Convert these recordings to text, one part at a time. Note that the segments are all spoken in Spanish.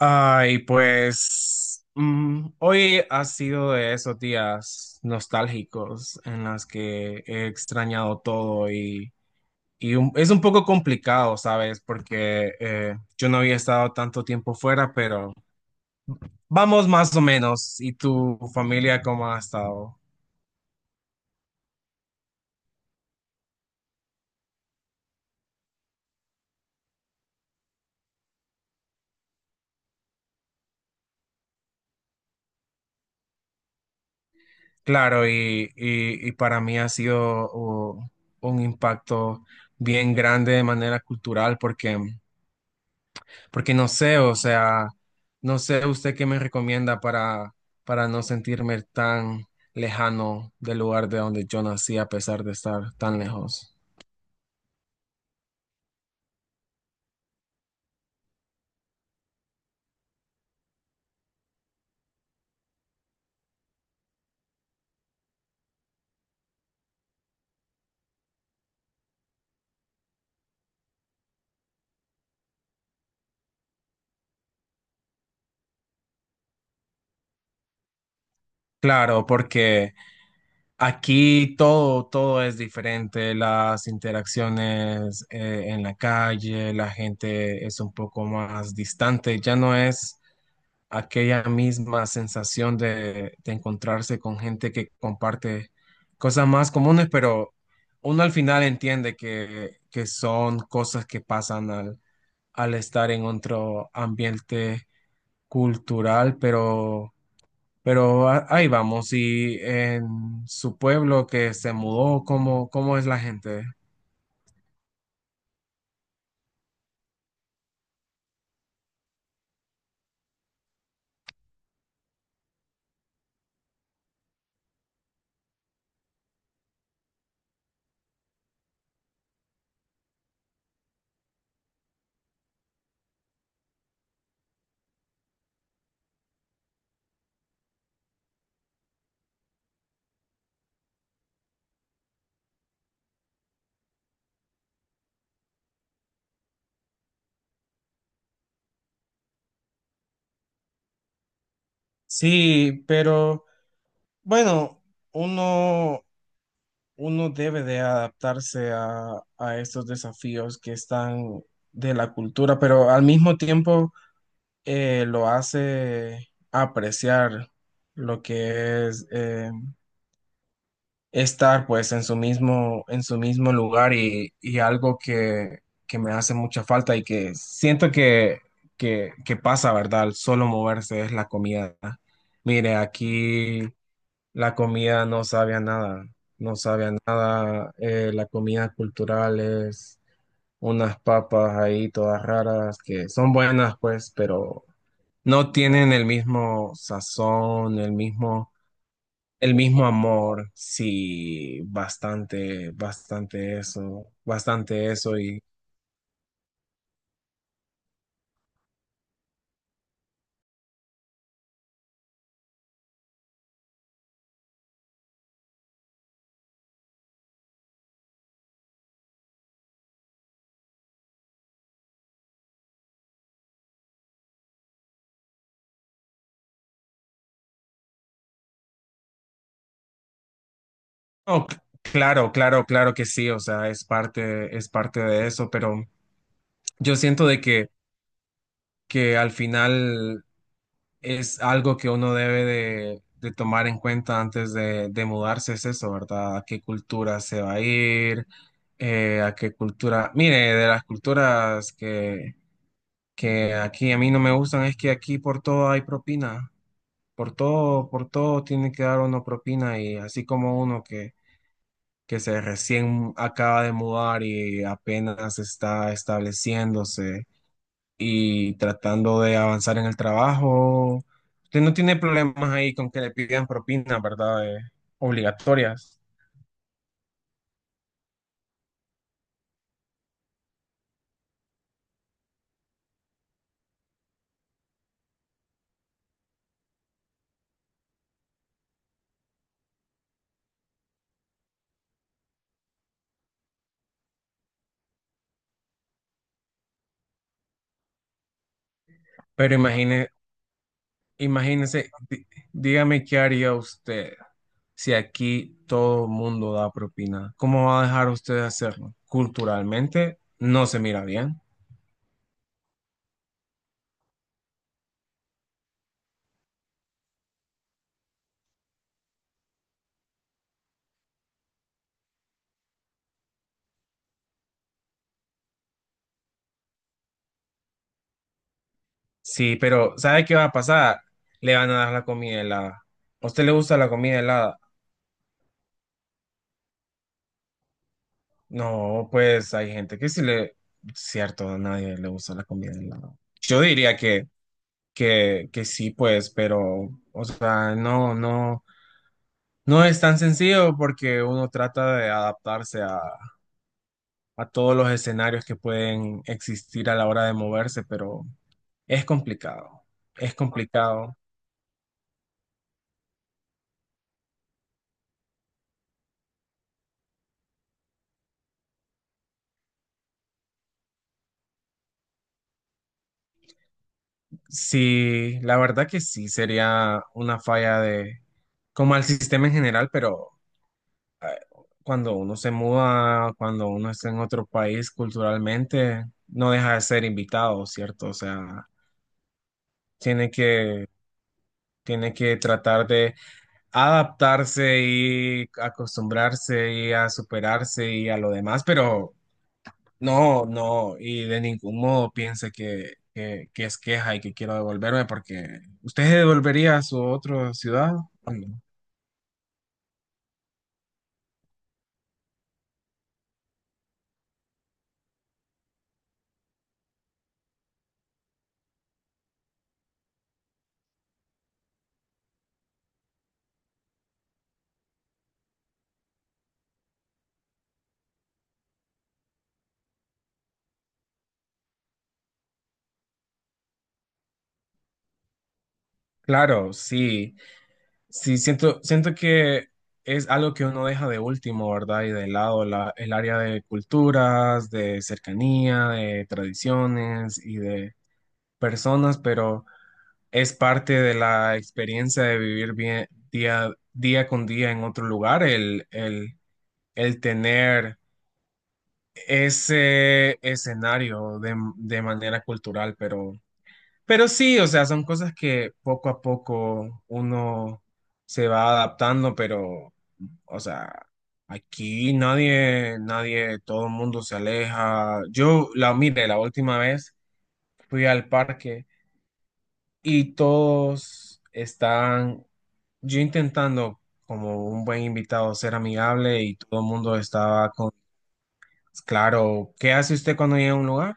Ay, pues hoy ha sido de esos días nostálgicos en los que he extrañado todo y es un poco complicado, ¿sabes? Porque yo no había estado tanto tiempo fuera, pero vamos más o menos. ¿Y tu familia cómo ha estado? Claro, y para mí ha sido un impacto bien grande de manera cultural porque... Porque no sé, o sea, no sé usted qué me recomienda para no sentirme tan lejano del lugar de donde yo nací a pesar de estar tan lejos. Claro, porque aquí todo es diferente, las interacciones en la calle, la gente es un poco más distante, ya no es aquella misma sensación de encontrarse con gente que comparte cosas más comunes, pero uno al final entiende que son cosas que pasan al estar en otro ambiente cultural, pero, ahí vamos. Y en su pueblo que se mudó, ¿ cómo es la gente? Sí, pero bueno, uno uno debe de adaptarse a estos desafíos que están de la cultura, pero al mismo tiempo lo hace apreciar lo que es estar pues en su mismo lugar y algo que me hace mucha falta y que siento que pasa, ¿verdad? Al solo moverse es la comida. Mire, aquí la comida no sabe a nada, no sabe a nada. La comida cultural es unas papas ahí todas raras que son buenas pues, pero no tienen el mismo sazón, el mismo amor. Sí, bastante, bastante eso y no, claro, claro, claro que sí. O sea, es parte de eso, pero yo siento de que al final es algo que uno debe de tomar en cuenta antes de mudarse, es eso, ¿verdad? ¿A qué cultura se va a ir? ¿A qué cultura? Mire, de las culturas que aquí a mí no me gustan es que aquí por todo hay propina, por todo tiene que dar uno propina y así como uno que se recién acaba de mudar y apenas está estableciéndose y tratando de avanzar en el trabajo. Usted no tiene problemas ahí con que le pidan propinas, ¿verdad? Obligatorias. Pero imagine, imagínese, dígame qué haría usted si aquí todo el mundo da propina. ¿Cómo va a dejar usted de hacerlo? Culturalmente no se mira bien. Sí, pero ¿sabe qué va a pasar? Le van a dar la comida helada. ¿A usted le gusta la comida helada? No, pues hay gente que sí le, cierto, a nadie le gusta la comida helada. Yo diría que sí, pues, pero, o sea, no, no, no es tan sencillo porque uno trata de adaptarse a todos los escenarios que pueden existir a la hora de moverse, pero es complicado, es complicado. Sí, la verdad que sí, sería una falla de, como al sistema en general, pero... eh, Cuando uno se muda, cuando uno está en otro país culturalmente, no deja de ser invitado, ¿cierto? O sea, tiene tiene que tratar de adaptarse y acostumbrarse y a superarse y a lo demás, pero no, no, y de ningún modo piense que es queja y que quiero devolverme porque ¿usted se devolvería a su otra ciudad? Claro, sí. Sí, siento, siento que es algo que uno deja de último, ¿verdad? Y de lado el área de culturas, de cercanía, de tradiciones y de personas, pero es parte de la experiencia de vivir bien día, día con día en otro lugar, el tener ese escenario de manera cultural, pero... Pero sí, o sea, son cosas que poco a poco uno se va adaptando, pero, o sea, aquí nadie, nadie, todo el mundo se aleja. Yo, la mire, la última vez fui al parque y todos están, yo intentando como un buen invitado ser amigable y todo el mundo estaba con, claro, ¿qué hace usted cuando llega a un lugar?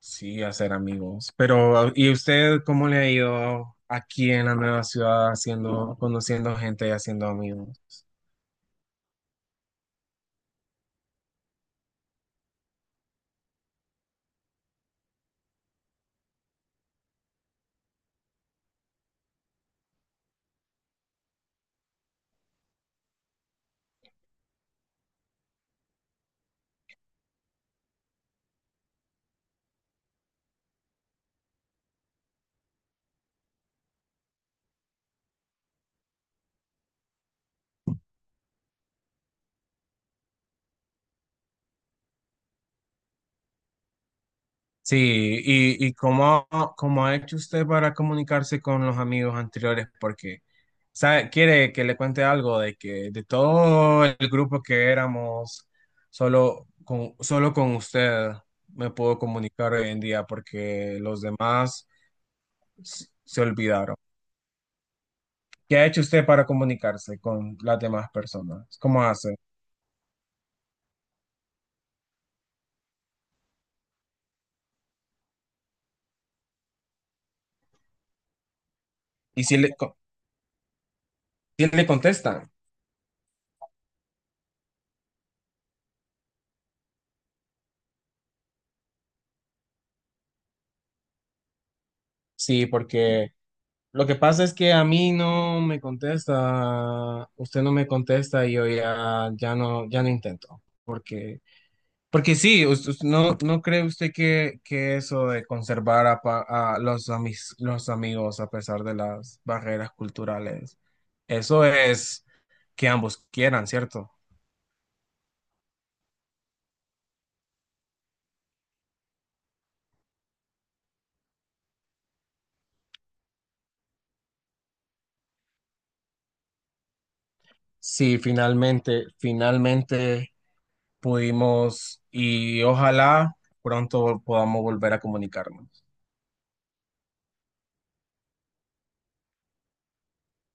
Sí, hacer amigos. Pero, ¿y usted cómo le ha ido aquí en la nueva ciudad haciendo, conociendo gente y haciendo amigos? Sí, y cómo, cómo ha hecho usted para comunicarse con los amigos anteriores, porque ¿sabe? Quiere que le cuente algo de que de todo el grupo que éramos, solo con usted me puedo comunicar hoy en día, porque los demás se olvidaron. ¿Qué ha hecho usted para comunicarse con las demás personas? ¿Cómo hace? ¿Y si le, si le contestan? Sí, porque lo que pasa es que a mí no me contesta, usted no me contesta y yo ya, ya no, ya no intento. Porque, porque sí, no, ¿no cree usted que eso de conservar a los amigos a pesar de las barreras culturales, eso es que ambos quieran, ¿cierto? Sí, finalmente, finalmente. Pudimos y ojalá pronto podamos volver a comunicarnos.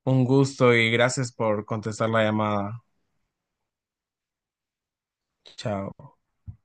Un gusto y gracias por contestar la llamada. Chao.